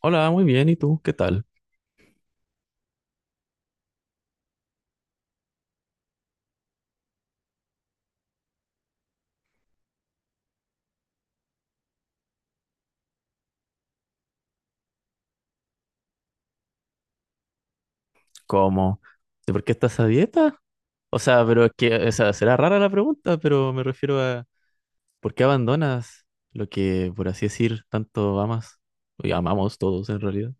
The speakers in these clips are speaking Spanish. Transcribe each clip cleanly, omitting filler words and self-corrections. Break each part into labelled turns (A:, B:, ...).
A: Hola, muy bien. ¿Y tú? ¿Qué tal? ¿Cómo? ¿De por qué estás a dieta? O sea, pero es que, o sea, será rara la pregunta, pero me refiero a ¿por qué abandonas lo que, por así decir, tanto amas? Y amamos todos en realidad.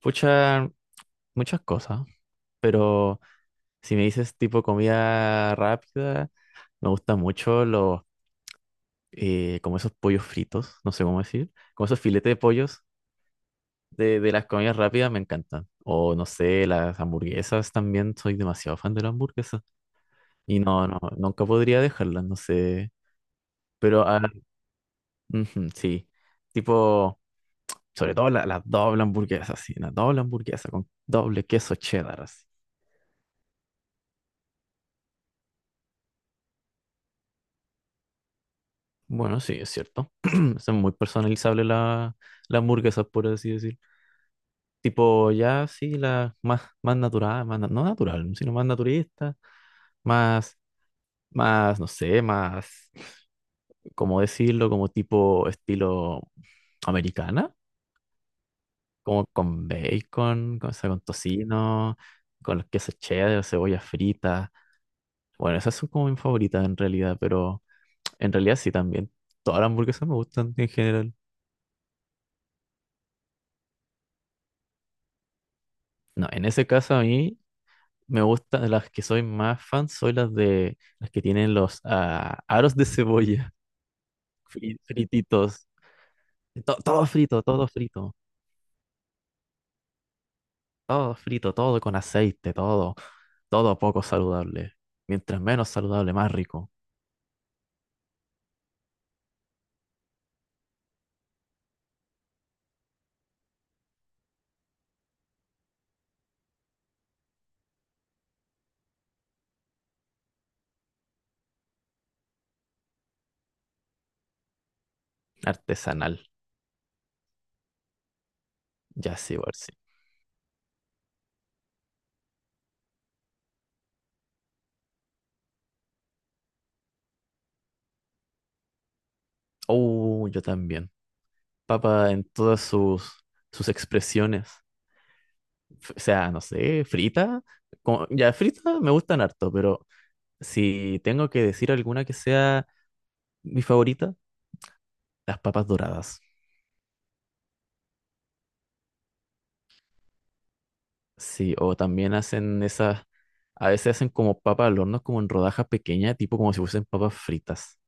A: Pucha, muchas cosas, pero si me dices tipo comida rápida, me gustan mucho como esos pollos fritos, no sé cómo decir, como esos filetes de pollos de las comidas rápidas me encantan. O no sé, las hamburguesas también, soy demasiado fan de las hamburguesas. Y no, no, nunca podría dejarlas, no sé. Pero ujú, sí, tipo, sobre todo la doble hamburguesa sí, la doble hamburguesa con doble queso cheddar, así. Bueno, sí, es cierto. Son muy personalizables las hamburguesas, por así decir. Tipo, ya sí, la más, más natural, más, no natural, sino más naturista, más, más, no sé, más. Como decirlo, como tipo estilo americana, como con bacon, o sea, con tocino, con los quesos cheddar, o cebolla frita. Bueno, esas son como mis favoritas en realidad, pero en realidad sí también. Todas las hamburguesas me gustan en general. No, en ese caso a mí me gustan las que soy más fan, soy las de las que tienen los aros de cebolla frititos. Todo frito, todo frito. Todo frito, todo con aceite, todo poco saludable. Mientras menos saludable, más rico, artesanal. Ya sí, igual sí. Oh, yo también. Papa en todas sus expresiones. O sea, no sé, frita. Ya frita me gustan harto, pero si tengo que decir alguna que sea mi favorita, las papas doradas. Sí, o también a veces hacen como papas al horno, como en rodajas pequeñas, tipo como si fuesen papas fritas.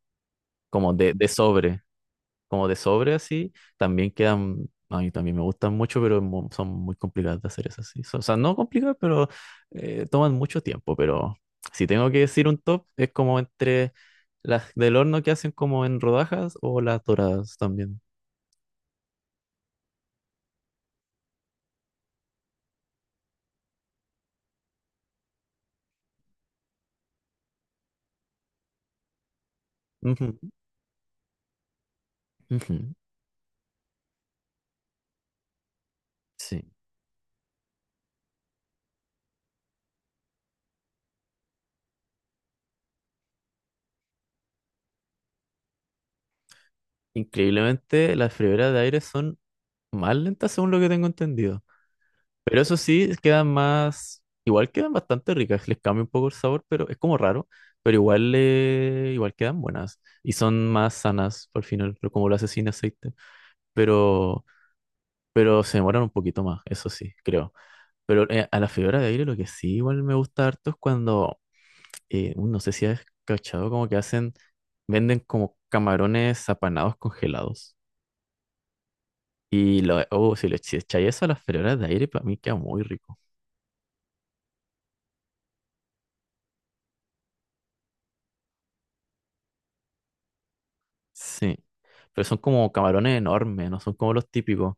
A: Como de sobre, como de sobre así, también quedan, a mí también me gustan mucho, pero son muy complicadas de hacer esas así. O sea, no complicadas, pero toman mucho tiempo, pero si tengo que decir un top, es como entre las del horno que hacen como en rodajas o las doradas también. Ujú, ujú, sí. Increíblemente, las freidoras de aire son más lentas según lo que tengo entendido. Pero eso sí, quedan más, igual quedan bastante ricas, les cambia un poco el sabor, pero es como raro, pero igual, igual quedan buenas y son más sanas al final, pero como lo hace sin aceite, pero, pero se demoran un poquito más, eso sí, creo. Pero a la fibra de aire lo que sí igual me gusta harto es cuando, no sé si has cachado, como que venden como camarones apanados congelados. Y lo, oh, si le si echáis eso a las fibras de aire, para mí queda muy rico. Sí, pero son como camarones enormes, no son como los típicos.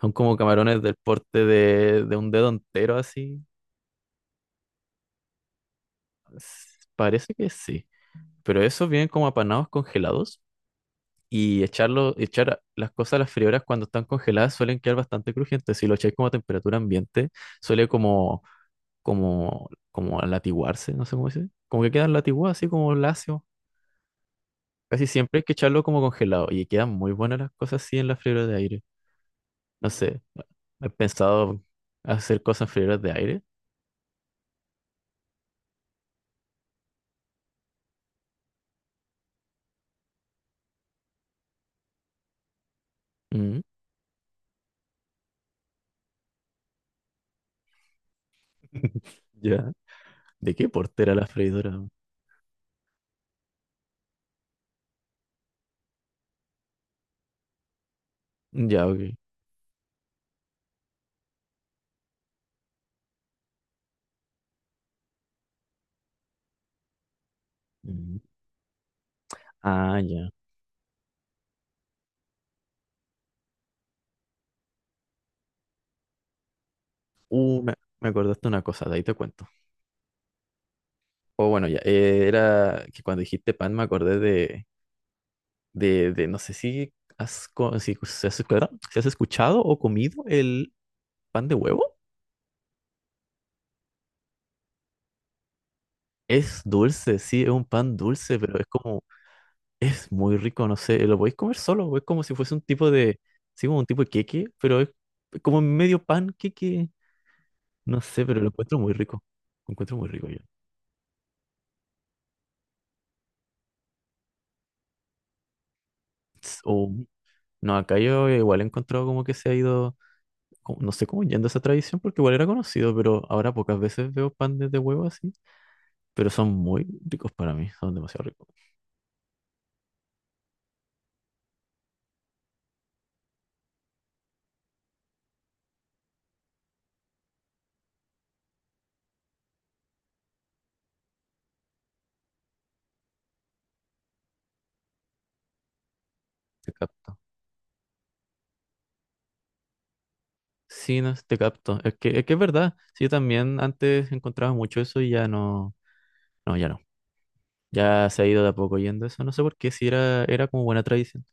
A: Son como camarones del porte de un dedo entero así. S- Parece que sí. Pero esos vienen como apanados congelados y echar las cosas a las freidoras cuando están congeladas suelen quedar bastante crujientes. Si lo echáis como a temperatura ambiente, suele como, latiguarse, no sé cómo se dice. Como que quedan latiguados así como lacio. Casi siempre hay que echarlo como congelado y quedan muy buenas las cosas así en la freidora de aire. No sé, he pensado hacer cosas freidoras de aire. Mm. Ya. ¿De qué portera la freidora? Ya, ok. Mm. Ah, ya. Uh, me, me acordaste una cosa, de ahí te cuento. O bueno, ya. Era que cuando dijiste pan me acordé de no sé si has, co- si, si has escuchado si has escuchado o comido el pan de huevo. Es dulce, sí, es un pan dulce, pero es muy rico, no sé, lo podéis comer solo, es como si fuese un tipo de, sí, como un tipo de queque, pero es como medio pan queque, no sé, pero lo encuentro muy rico, lo encuentro muy rico yo. O, no, acá yo igual he encontrado como que se ha ido, no sé cómo yendo esa tradición, porque igual era conocido, pero ahora pocas veces veo pan de huevo así, pero son muy ricos para mí, son demasiado ricos. Te capto. Sí, no, te capto, es que, es verdad, sí, yo también antes encontraba mucho eso y ya no, no, ya no. Ya se ha ido de a poco yendo eso, no sé por qué, si era como buena tradición.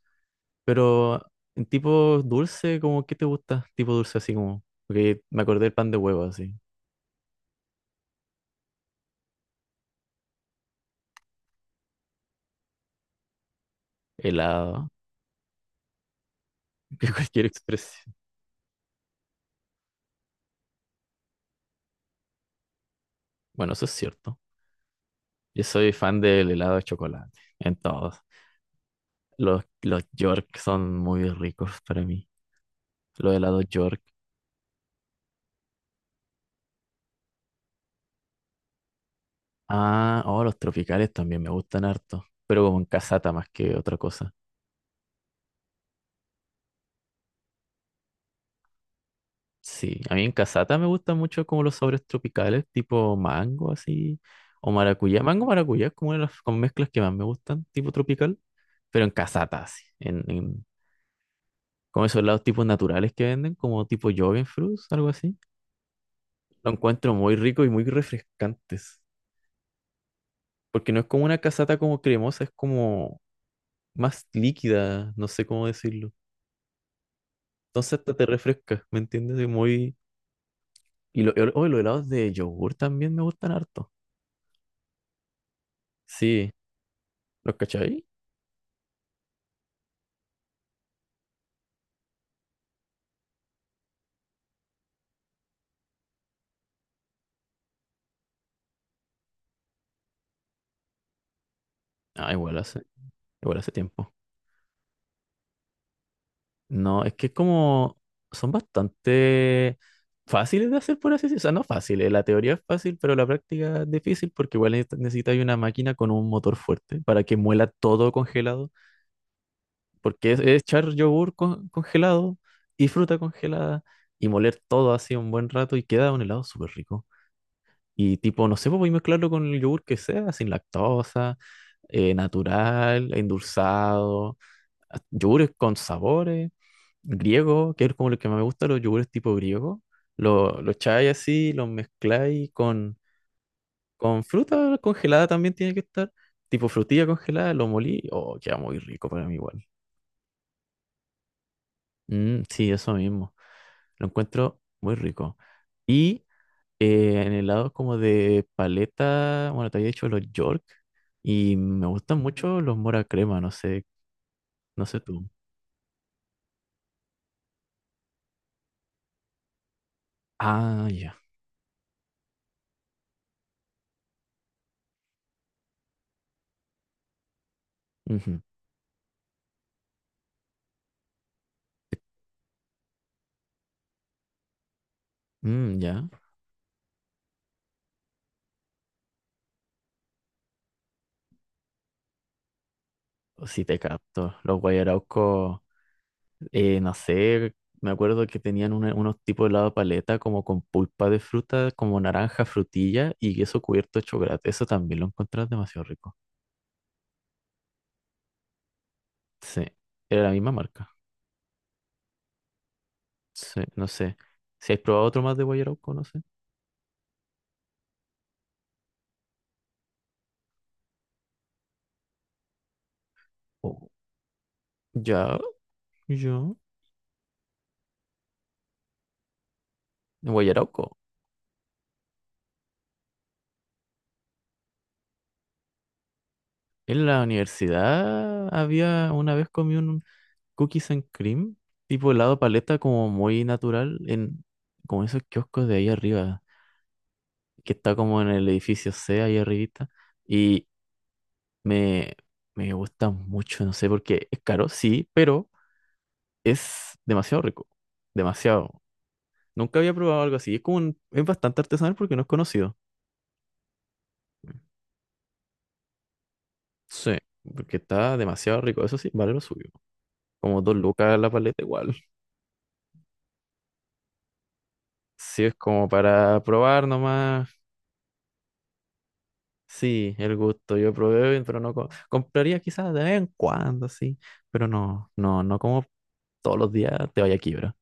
A: Pero en tipo dulce, ¿como qué te gusta? Tipo dulce así como, porque me acordé del pan de huevo así, helado, que cualquier expresión. Bueno, eso es cierto. Yo soy fan del helado de chocolate, en todos. Los York son muy ricos para mí. Los helados York. Oh, los tropicales también me gustan harto, pero como en casata más que otra cosa. Sí, a mí en casata me gustan mucho como los sabores tropicales, tipo mango así, o maracuyá. Mango maracuyá es como una de las como mezclas que más me gustan, tipo tropical, pero en casata así, como esos lados tipos naturales que venden, como tipo fruits, algo así. Lo encuentro muy rico y muy refrescantes, porque no es como una casata como cremosa, es como más líquida, no sé cómo decirlo. Entonces hasta te refresca, ¿me entiendes? Es muy. Y los helados de yogur también me gustan harto. Sí, ¿los cachai? Ah, igual igual hace tiempo. No, es que es como son bastante fáciles de hacer, por así decirlo. O sea, no fáciles, la teoría es fácil, pero la práctica es difícil porque igual necesitas una máquina con un motor fuerte para que muela todo congelado. Porque es echar yogur congelado y fruta congelada y moler todo así un buen rato y queda un helado súper rico. Y tipo, no sé, pues voy a mezclarlo con el yogur que sea, sin lactosa, natural, endulzado. Yogures con sabores, griegos, que es como lo que más me gusta, los yogures tipo griego. Lo echáis así, los mezcláis con fruta congelada también tiene que estar, tipo frutilla congelada, lo molí, queda muy rico para mí igual. Mm, sí, eso mismo, lo encuentro muy rico. Y en helado como de paleta, bueno, te había dicho los York, y me gustan mucho los mora crema, no sé, no sé tú. Ah, ya. Ujú, mm, ya. Si te capto. Los guayaraucos, no sé, me acuerdo que tenían unos tipos de helado de paleta como con pulpa de fruta, como naranja, frutilla y queso cubierto de chocolate. Eso también lo encontrás demasiado rico. Sí, era la misma marca. Sí, no sé. Si has probado otro más de guayarauco, no sé. Oh, ya, ya. Guayarauco. En la universidad había una vez comí un cookies and cream, tipo helado de paleta como muy natural en como esos kioscos de ahí arriba. Que está como en el edificio C ahí arribita y me, me gusta mucho, no sé por qué, es caro, sí, pero es demasiado rico, demasiado. Nunca había probado algo así, es como es bastante artesanal porque no es conocido. Sí, porque está demasiado rico, eso sí, vale lo suyo. Como 2 lucas la paleta igual. Sí, es como para probar nomás. Sí, el gusto, yo probé, pero no compraría quizás de vez en cuando, sí, pero no, no, no como todos los días te vaya a quiebra.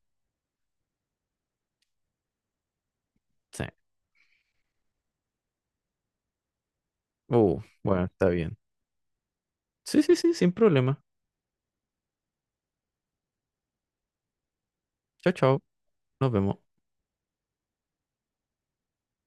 A: Sí. Bueno, está bien. Sí, sí, sí, sin problema. Chao, chao. Nos vemos.